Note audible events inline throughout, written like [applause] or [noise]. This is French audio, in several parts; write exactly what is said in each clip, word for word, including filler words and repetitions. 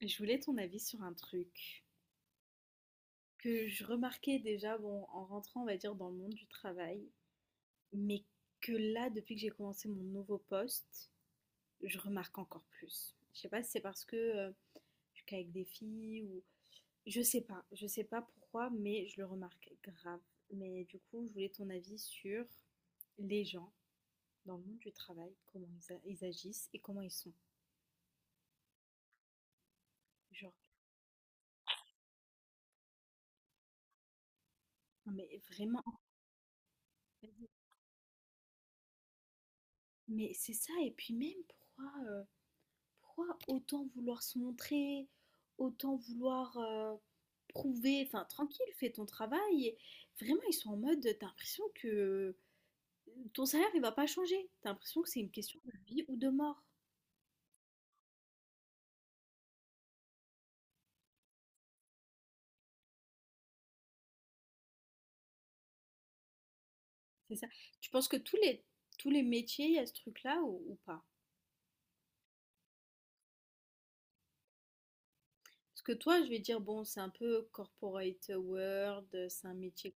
Je voulais ton avis sur un truc que je remarquais déjà bon, en rentrant, on va dire, dans le monde du travail, mais que là, depuis que j'ai commencé mon nouveau poste, je remarque encore plus. Je sais pas si c'est parce que euh, je suis qu'avec des filles ou. Je sais pas, je sais pas pourquoi, mais je le remarque grave. Mais du coup, je voulais ton avis sur les gens dans le monde du travail, comment ils, a- ils agissent et comment ils sont. Genre, non mais vraiment, en fait, mais c'est ça, et puis même pourquoi... euh, pourquoi autant vouloir se montrer, autant vouloir euh, prouver, enfin tranquille, fais ton travail. Et vraiment, ils sont en mode, t'as l'impression que ton salaire, il va pas changer. T'as l'impression que c'est une question de vie ou de mort. C'est ça. Tu penses que tous les, tous les métiers, il y a ce truc-là ou, ou pas? Parce que toi, je vais dire, bon, c'est un peu corporate world, c'est un métier,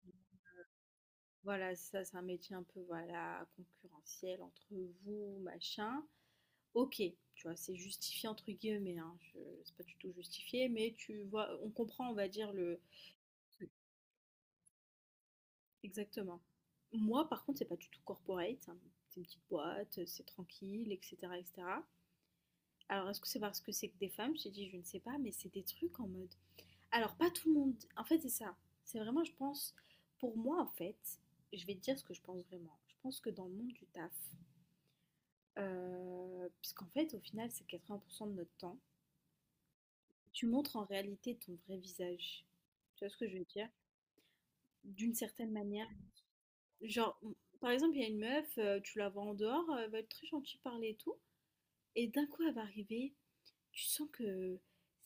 voilà, c'est ça, c'est un métier un peu, voilà, concurrentiel entre vous, machin. OK, tu vois, c'est justifié entre guillemets, hein, je c'est pas du tout justifié, mais tu vois, on comprend, on va dire le. Oui, exactement. Moi, par contre, c'est pas du tout corporate, hein, c'est une petite boîte, c'est tranquille, et cetera, et cetera. Alors, est-ce que c'est parce que c'est que des femmes? Je t'ai dit, je ne sais pas, mais c'est des trucs en mode alors pas tout le monde en fait, c'est ça. C'est vraiment, je pense pour moi, en fait, je vais te dire ce que je pense vraiment. Je pense que dans le monde du taf, heu, puisqu'en fait, au final, c'est quatre-vingts de notre temps. Tu montres en réalité ton vrai visage. Tu vois ce que je veux dire? D'une certaine manière. Genre, m- par exemple, il y a une meuf, euh, tu la vois en dehors, euh, elle va être très gentille, parler et tout. Et d'un coup, elle va arriver, tu sens que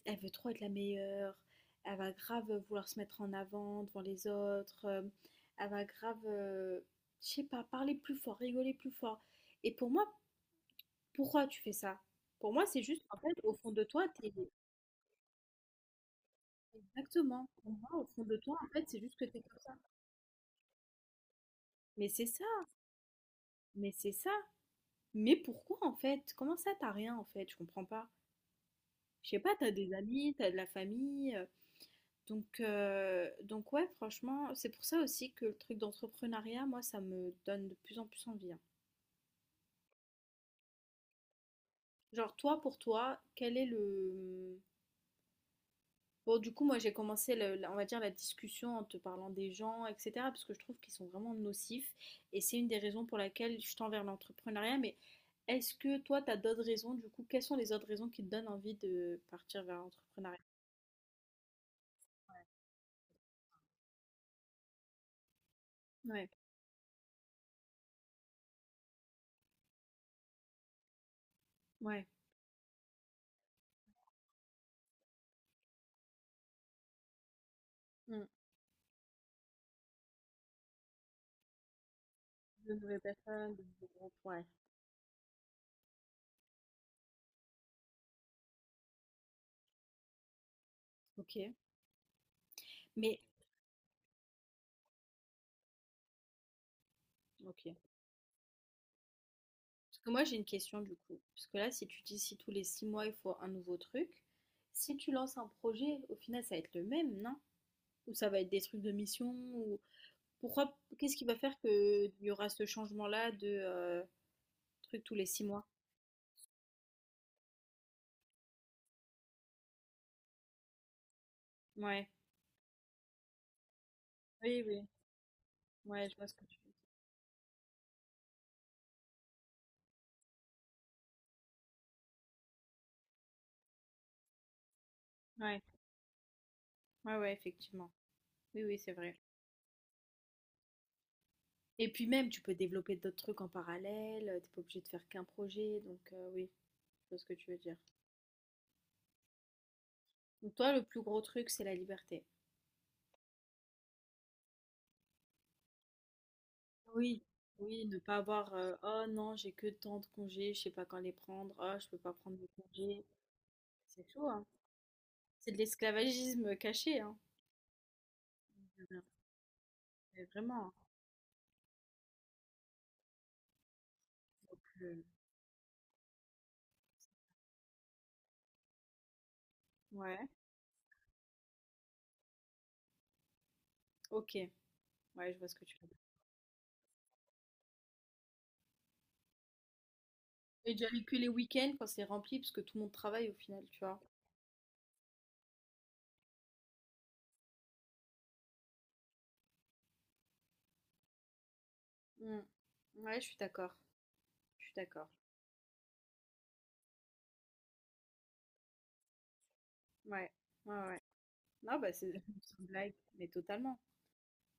elle veut trop être la meilleure, elle va grave vouloir se mettre en avant devant les autres, euh, elle va grave, euh, je sais pas, parler plus fort, rigoler plus fort. Et pour moi, pourquoi tu fais ça? Pour moi, c'est juste, en fait, au fond de toi, t'es. Exactement. Pour moi, au fond de toi, en fait, c'est juste que t'es comme ça. Mais c'est ça, mais c'est ça. Mais pourquoi en fait? Comment ça t'as rien en fait? Je comprends pas. Je sais pas, t'as des amis, t'as de la famille. euh, Donc, euh, donc ouais, franchement, c'est pour ça aussi que le truc d'entrepreneuriat, moi, ça me donne de plus en plus envie, hein. Genre toi, pour toi, quel est le. Bon, du coup, moi, j'ai commencé, le- la- on va dire, la discussion en te parlant des gens, et cetera, parce que je trouve qu'ils sont vraiment nocifs. Et c'est une des raisons pour laquelle je tends vers l'entrepreneuriat. Mais est-ce que toi, tu as d'autres raisons, du coup, quelles sont les autres raisons qui te donnent envie de partir vers l'entrepreneuriat? Ouais, ouais. Hmm. De nouvelles personnes, de nouveaux groupes, ouais. Ok, mais ok. Parce que moi j'ai une question du coup. Parce que là, si tu dis si tous les six mois il faut un nouveau truc, si tu lances un projet, au final ça va être le même, non? Ou ça va être des trucs de mission ou pourquoi, qu'est-ce qui va faire qu'il y aura ce changement-là de euh, truc tous les six mois? Ouais, oui, oui, ouais, je vois ce que tu veux dire. Ouais, ouais, ouais, effectivement. Oui, oui, c'est vrai. Et puis même, tu peux développer d'autres trucs en parallèle, euh, t'es pas obligé de faire qu'un projet, donc euh, oui, je vois ce que tu veux dire. Donc toi, le plus gros truc, c'est la liberté. Oui, oui, ne pas avoir, euh, oh non, j'ai que tant de congés, je sais pas quand les prendre, oh, je peux pas prendre de congés. C'est chaud, hein. C'est de l'esclavagisme caché, hein. Mais vraiment, hein. Donc, euh, ouais. OK, ouais, je vois ce que tu veux dire. Et déjà aller que les week-ends quand c'est rempli, parce que tout le monde travaille au final, tu vois? Mmh. Ouais, je suis d'accord, je suis d'accord. Ouais, ouais, ouais. Non, bah, c'est [laughs] c'est une blague, mais totalement.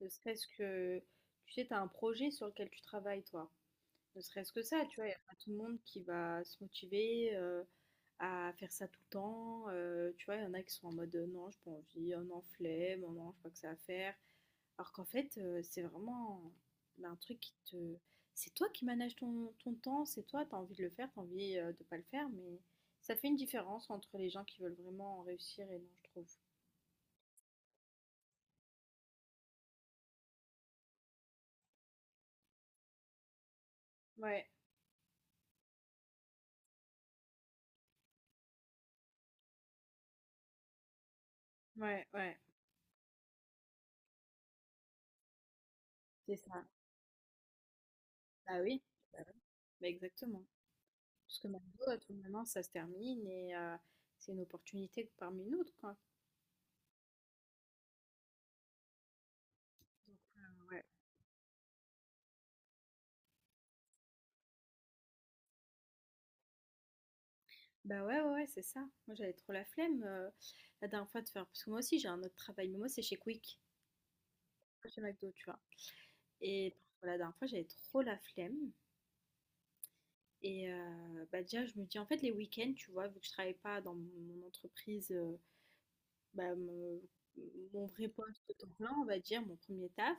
Ne serait-ce que, tu sais, tu as un projet sur lequel tu travailles, toi. Ne serait-ce que ça, tu vois, il y a pas tout le monde qui va se motiver, heu, à faire ça tout le temps, heu, tu vois? Il y en a qui sont en mode, heu: «Non, j'ai pas envie», «Oh non, flemme», «Oh non, je j'ai pas que ça à faire». Alors qu'en fait, heu, c'est vraiment, bah, un truc qui te c'est toi qui manages ton ton temps, c'est toi, tu as envie de le faire, tu as envie, heu, de pas le faire, mais ça fait une différence entre les gens qui veulent vraiment réussir et non, je trouve. Ouais, ouais, ouais, c'est ça. Bah oui, bah oui, bah exactement. Parce que McDo, à tout moment, ça se termine et heu, c'est une opportunité parmi une autre, quoi. Donc euh, ouais. Bah ouais, ouais, ouais, c'est ça. Moi, j'avais trop la flemme, heu, la dernière fois de faire parce que moi aussi j'ai un autre travail, mais moi c'est chez Quick, pas chez McDo, tu vois? Et pour la dernière fois, j'avais trop la flemme. Et heu, bah, déjà, je me dis en fait, les week-ends, tu vois, vu que je travaille pas dans mon entreprise, heu, bah, mon mon vrai poste à temps plein, on va dire, mon premier taf,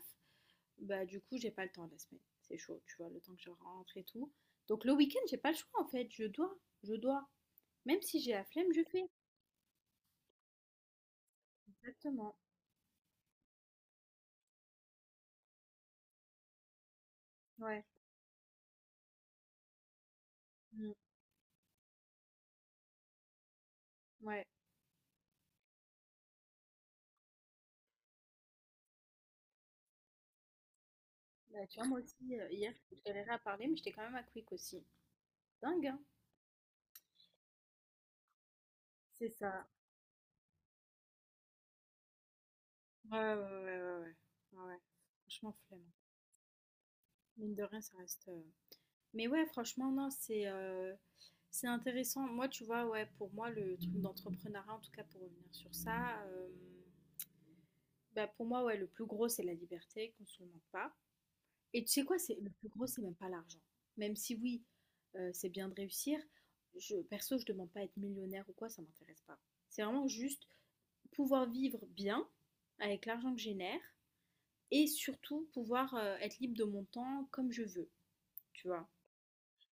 bah, du coup, j'ai pas le temps la semaine. C'est chaud, tu vois, le temps que je rentre et tout. Donc le week-end, j'ai pas le choix, en fait, je dois, je dois. Même si j'ai la flemme, je fais. Exactement. Ouais. Mmh. Ouais. Bah, tu vois, moi aussi, heu, hier, je galérais à parler, mais j'étais quand même à Quick aussi. Dingue, hein? C'est ça. Ouais, ouais, ouais, ouais, ouais, ouais. Ouais, ouais. Franchement, flemme. Mine de rien, ça reste. euh, Mais ouais, franchement, non, c'est euh, c'est intéressant. Moi, tu vois, ouais, pour moi, le truc d'entrepreneuriat, en tout cas, pour revenir sur ça, euh, bah, pour moi, ouais, le plus gros, c'est la liberté, qu'on se le mente pas. Et tu sais quoi, c'est le plus gros, c'est même pas l'argent. Même si oui, euh, c'est bien de réussir, je, perso, je demande pas à être millionnaire ou quoi, ça m'intéresse pas. C'est vraiment juste pouvoir vivre bien avec l'argent que je génère et surtout pouvoir euh, être libre de mon temps comme je veux, tu vois.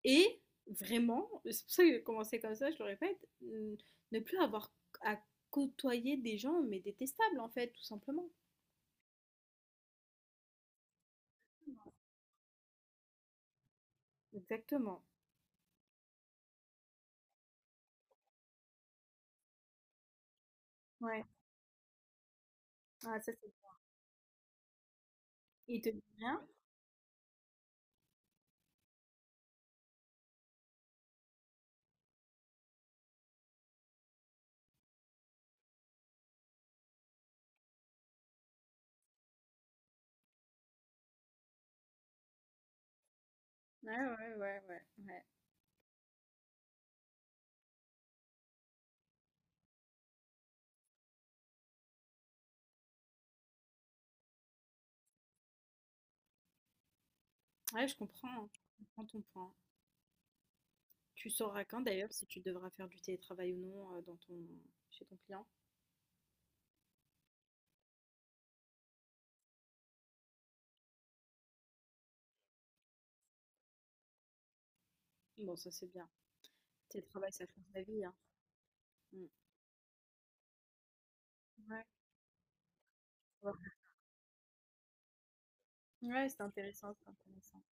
Et vraiment, c'est pour ça que j'ai commencé comme ça, je le répète, euh, ne plus avoir à côtoyer des gens, mais détestables en fait, tout simplement. Exactement. Ouais. Ah, ça, c'est. Il te dit rien? Ouais, ouais, ouais, ouais, ouais. Ouais, je comprends, hein. Je comprends ton point. Tu sauras quand d'ailleurs si tu devras faire du télétravail ou non euh, dans ton... chez ton client. Bon, ça c'est bien. Télétravail, ça change la vie, hein. Mm. Ouais. Ouais, ouais, c'est intéressant, c'est intéressant.